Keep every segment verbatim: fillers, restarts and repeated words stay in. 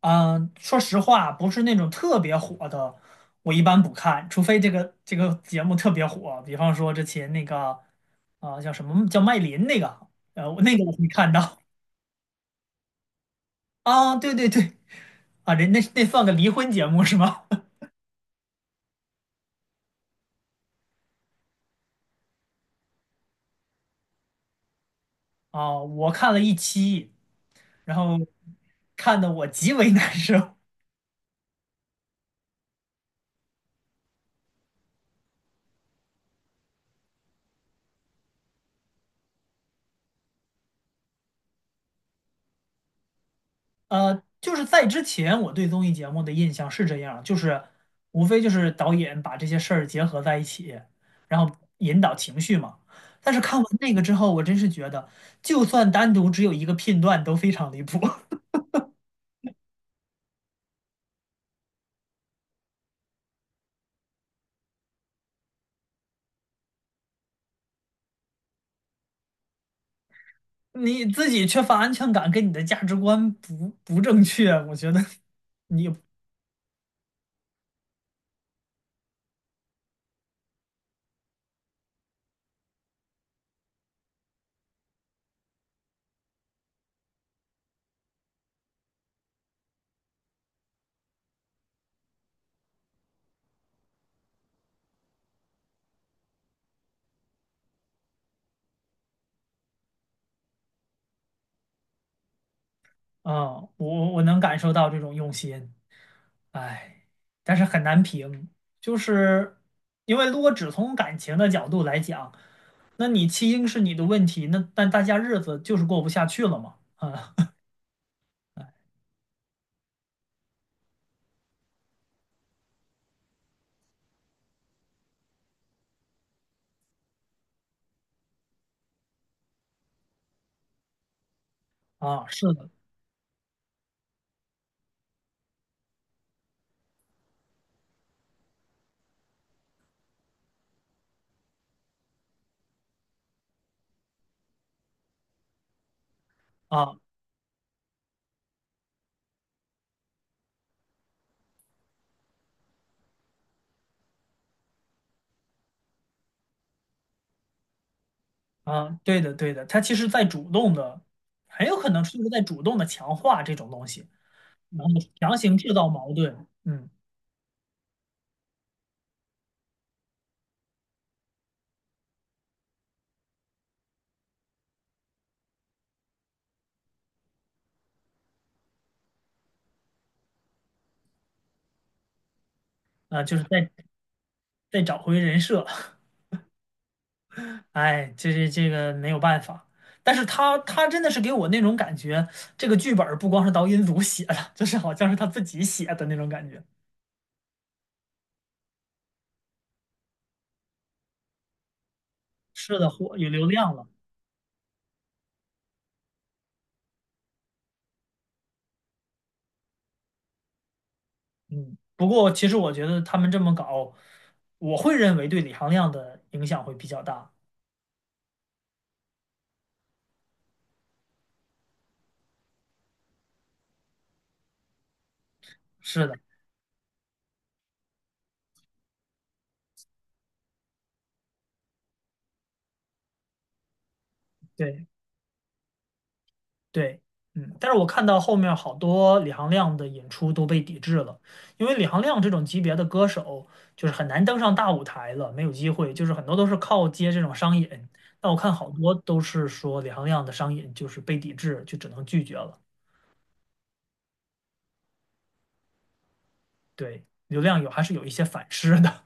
嗯，说实话，不是那种特别火的，我一般不看，除非这个这个节目特别火，比方说之前那个啊、叫什么叫麦琳那个，呃，我那个我会看到。啊，对对对。啊，人那那算个离婚节目是吗？啊，我看了一期，然后看的我极为难受。呃，就是在之前我对综艺节目的印象是这样，就是无非就是导演把这些事儿结合在一起，然后引导情绪嘛。但是看完那个之后，我真是觉得，就算单独只有一个片段都非常离谱。你自己缺乏安全感，跟你的价值观不不正确，我觉得 你啊。我我能感受到这种用心。哎，但是很难评，就是因为如果只从感情的角度来讲，那你弃婴是你的问题，那但大家日子就是过不下去了嘛。啊啊，是的。啊啊，对的对的，他其实在主动的，很有可能就是在主动的强化这种东西，然后强行制造矛盾，嗯啊，就是在在找回人设。哎，这这这个没有办法，但是他他真的是给我那种感觉，这个剧本儿不光是导演组写的，就是好像是他自己写的那种感觉。是的，火有流量了。嗯。不过其实我觉得他们这么搞，我会认为对李行亮的影响会比较大。是的。对。对，嗯，但是我看到后面好多李行亮的演出都被抵制了，因为李行亮这种级别的歌手就是很难登上大舞台了，没有机会，就是很多都是靠接这种商演。那我看好多都是说李行亮的商演就是被抵制，就只能拒绝了。对，流量有还是有一些反噬的。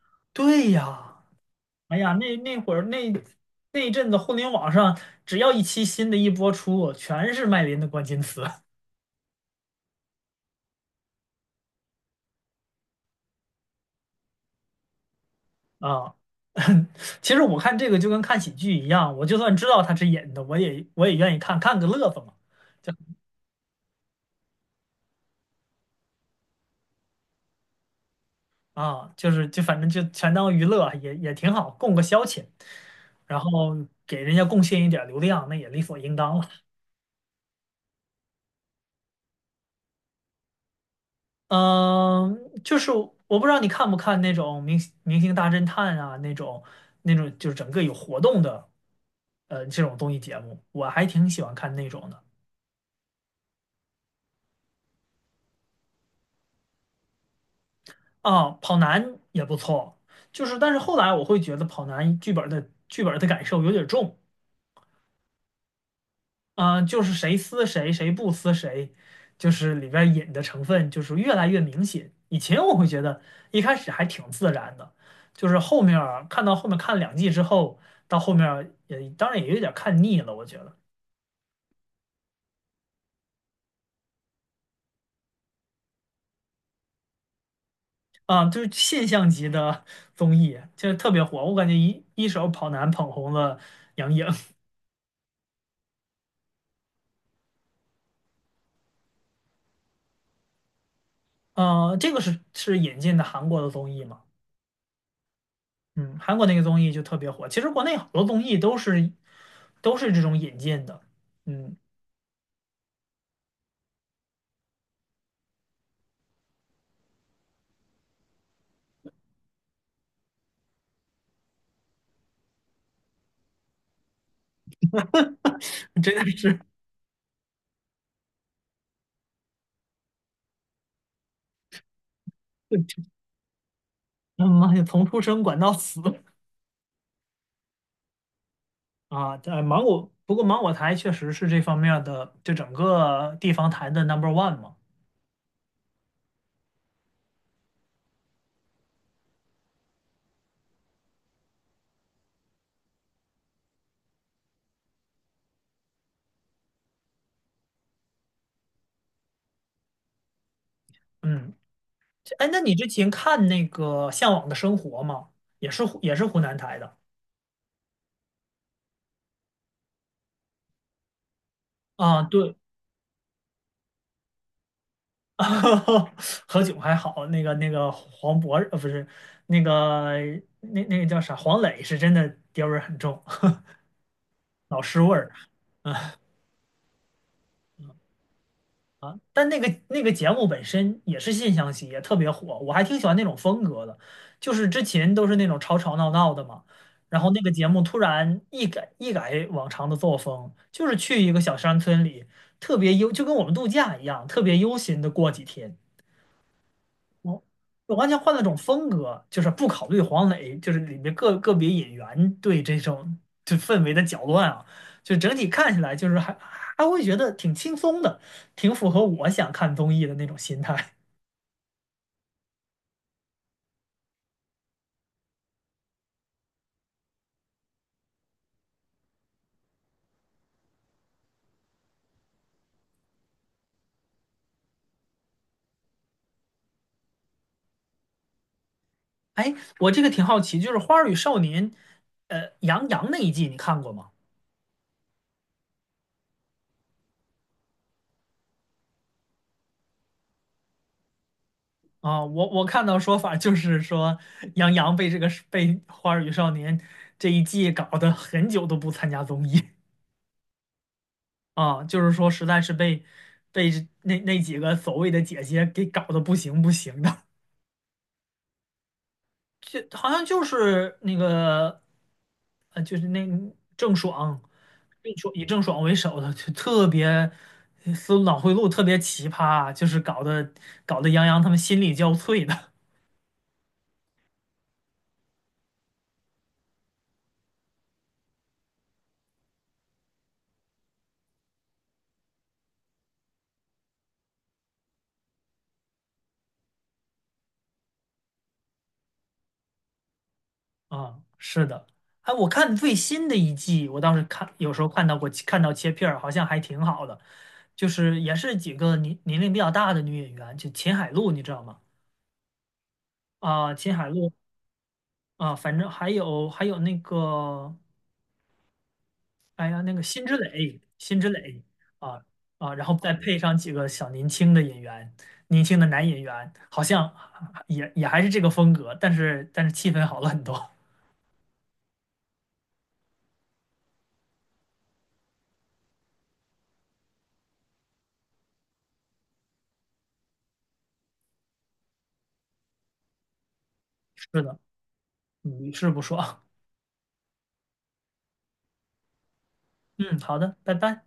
对呀。哎呀，那那会儿那那一阵子互联网上只要一期新的一播出，全是麦琳的关键词。啊，其实我看这个就跟看喜剧一样，我就算知道他是演的，我也我也愿意看看个乐子嘛。就啊，就是就反正就全当娱乐，也也挺好，供个消遣，然后给人家贡献一点儿流量，那也理所应当了。嗯，就是我不知道你看不看那种明星明星大侦探啊，那种那种就是整个有活动的呃这种综艺节目，我还挺喜欢看那种的。啊，跑男也不错，就是但是后来我会觉得跑男剧本的剧本的感受有点重。啊，就是谁撕谁谁不撕谁，就是里边引的成分就是越来越明显。以前我会觉得一开始还挺自然的，就是后面儿看到后面看了两季之后，到后面儿也当然也有点儿看腻了，我觉得啊，就是现象级的综艺就是特别火，我感觉一一手跑男捧红了杨颖。呃，这个是是引进的韩国的综艺吗？嗯，韩国那个综艺就特别火。其实国内好多综艺都是都是这种引进的。嗯，真的是。他妈呀，从出生管到死啊！呃，芒果，不过芒果台确实是这方面儿的，就整个地方台的 number one 嘛。嗯。哎，那你之前看那个《向往的生活》吗？也是湖也是湖南台的。啊，对。何炅还好，那个那个黄渤呃不是那个那那个叫啥黄磊是真的爹味儿很重。老师味儿啊。但那个那个节目本身也是现象级，也特别火，我还挺喜欢那种风格的。就是之前都是那种吵吵闹闹的嘛，然后那个节目突然一改一改往常的作风，就是去一个小山村里，特别悠，就跟我们度假一样，特别悠闲的过几天。我我完全换了种风格，就是不考虑黄磊，就是里面个个别演员对这种就氛围的搅乱啊，就整体看起来就是还还会觉得挺轻松的，挺符合我想看综艺的那种心态。哎，我这个挺好奇，就是《花儿与少年》，呃，杨洋那一季你看过吗？啊，我我看到说法就是说，杨洋被这个被《花儿与少年》这一季搞得很久都不参加综艺。啊，就是说实在是被被这那那几个所谓的姐姐给搞得不行不行的，就好像就是那个呃，就是那郑爽，郑爽以郑爽为首的，就特别思路脑回路特别奇葩，就是搞得搞得杨洋他们心力交瘁的。啊，是的。哎，我看最新的一季，我倒是看，有时候看到过，看到切片儿，好像还挺好的，就是也是几个年年龄比较大的女演员，就秦海璐，你知道吗？啊，秦海璐啊，反正还有还有那个，哎呀，那个辛芷蕾，辛芷蕾啊啊，然后再配上几个小年轻的演员，年轻的男演员，好像也也还是这个风格，但是但是气氛好了很多。是的，屡试不爽。嗯，好的，拜拜。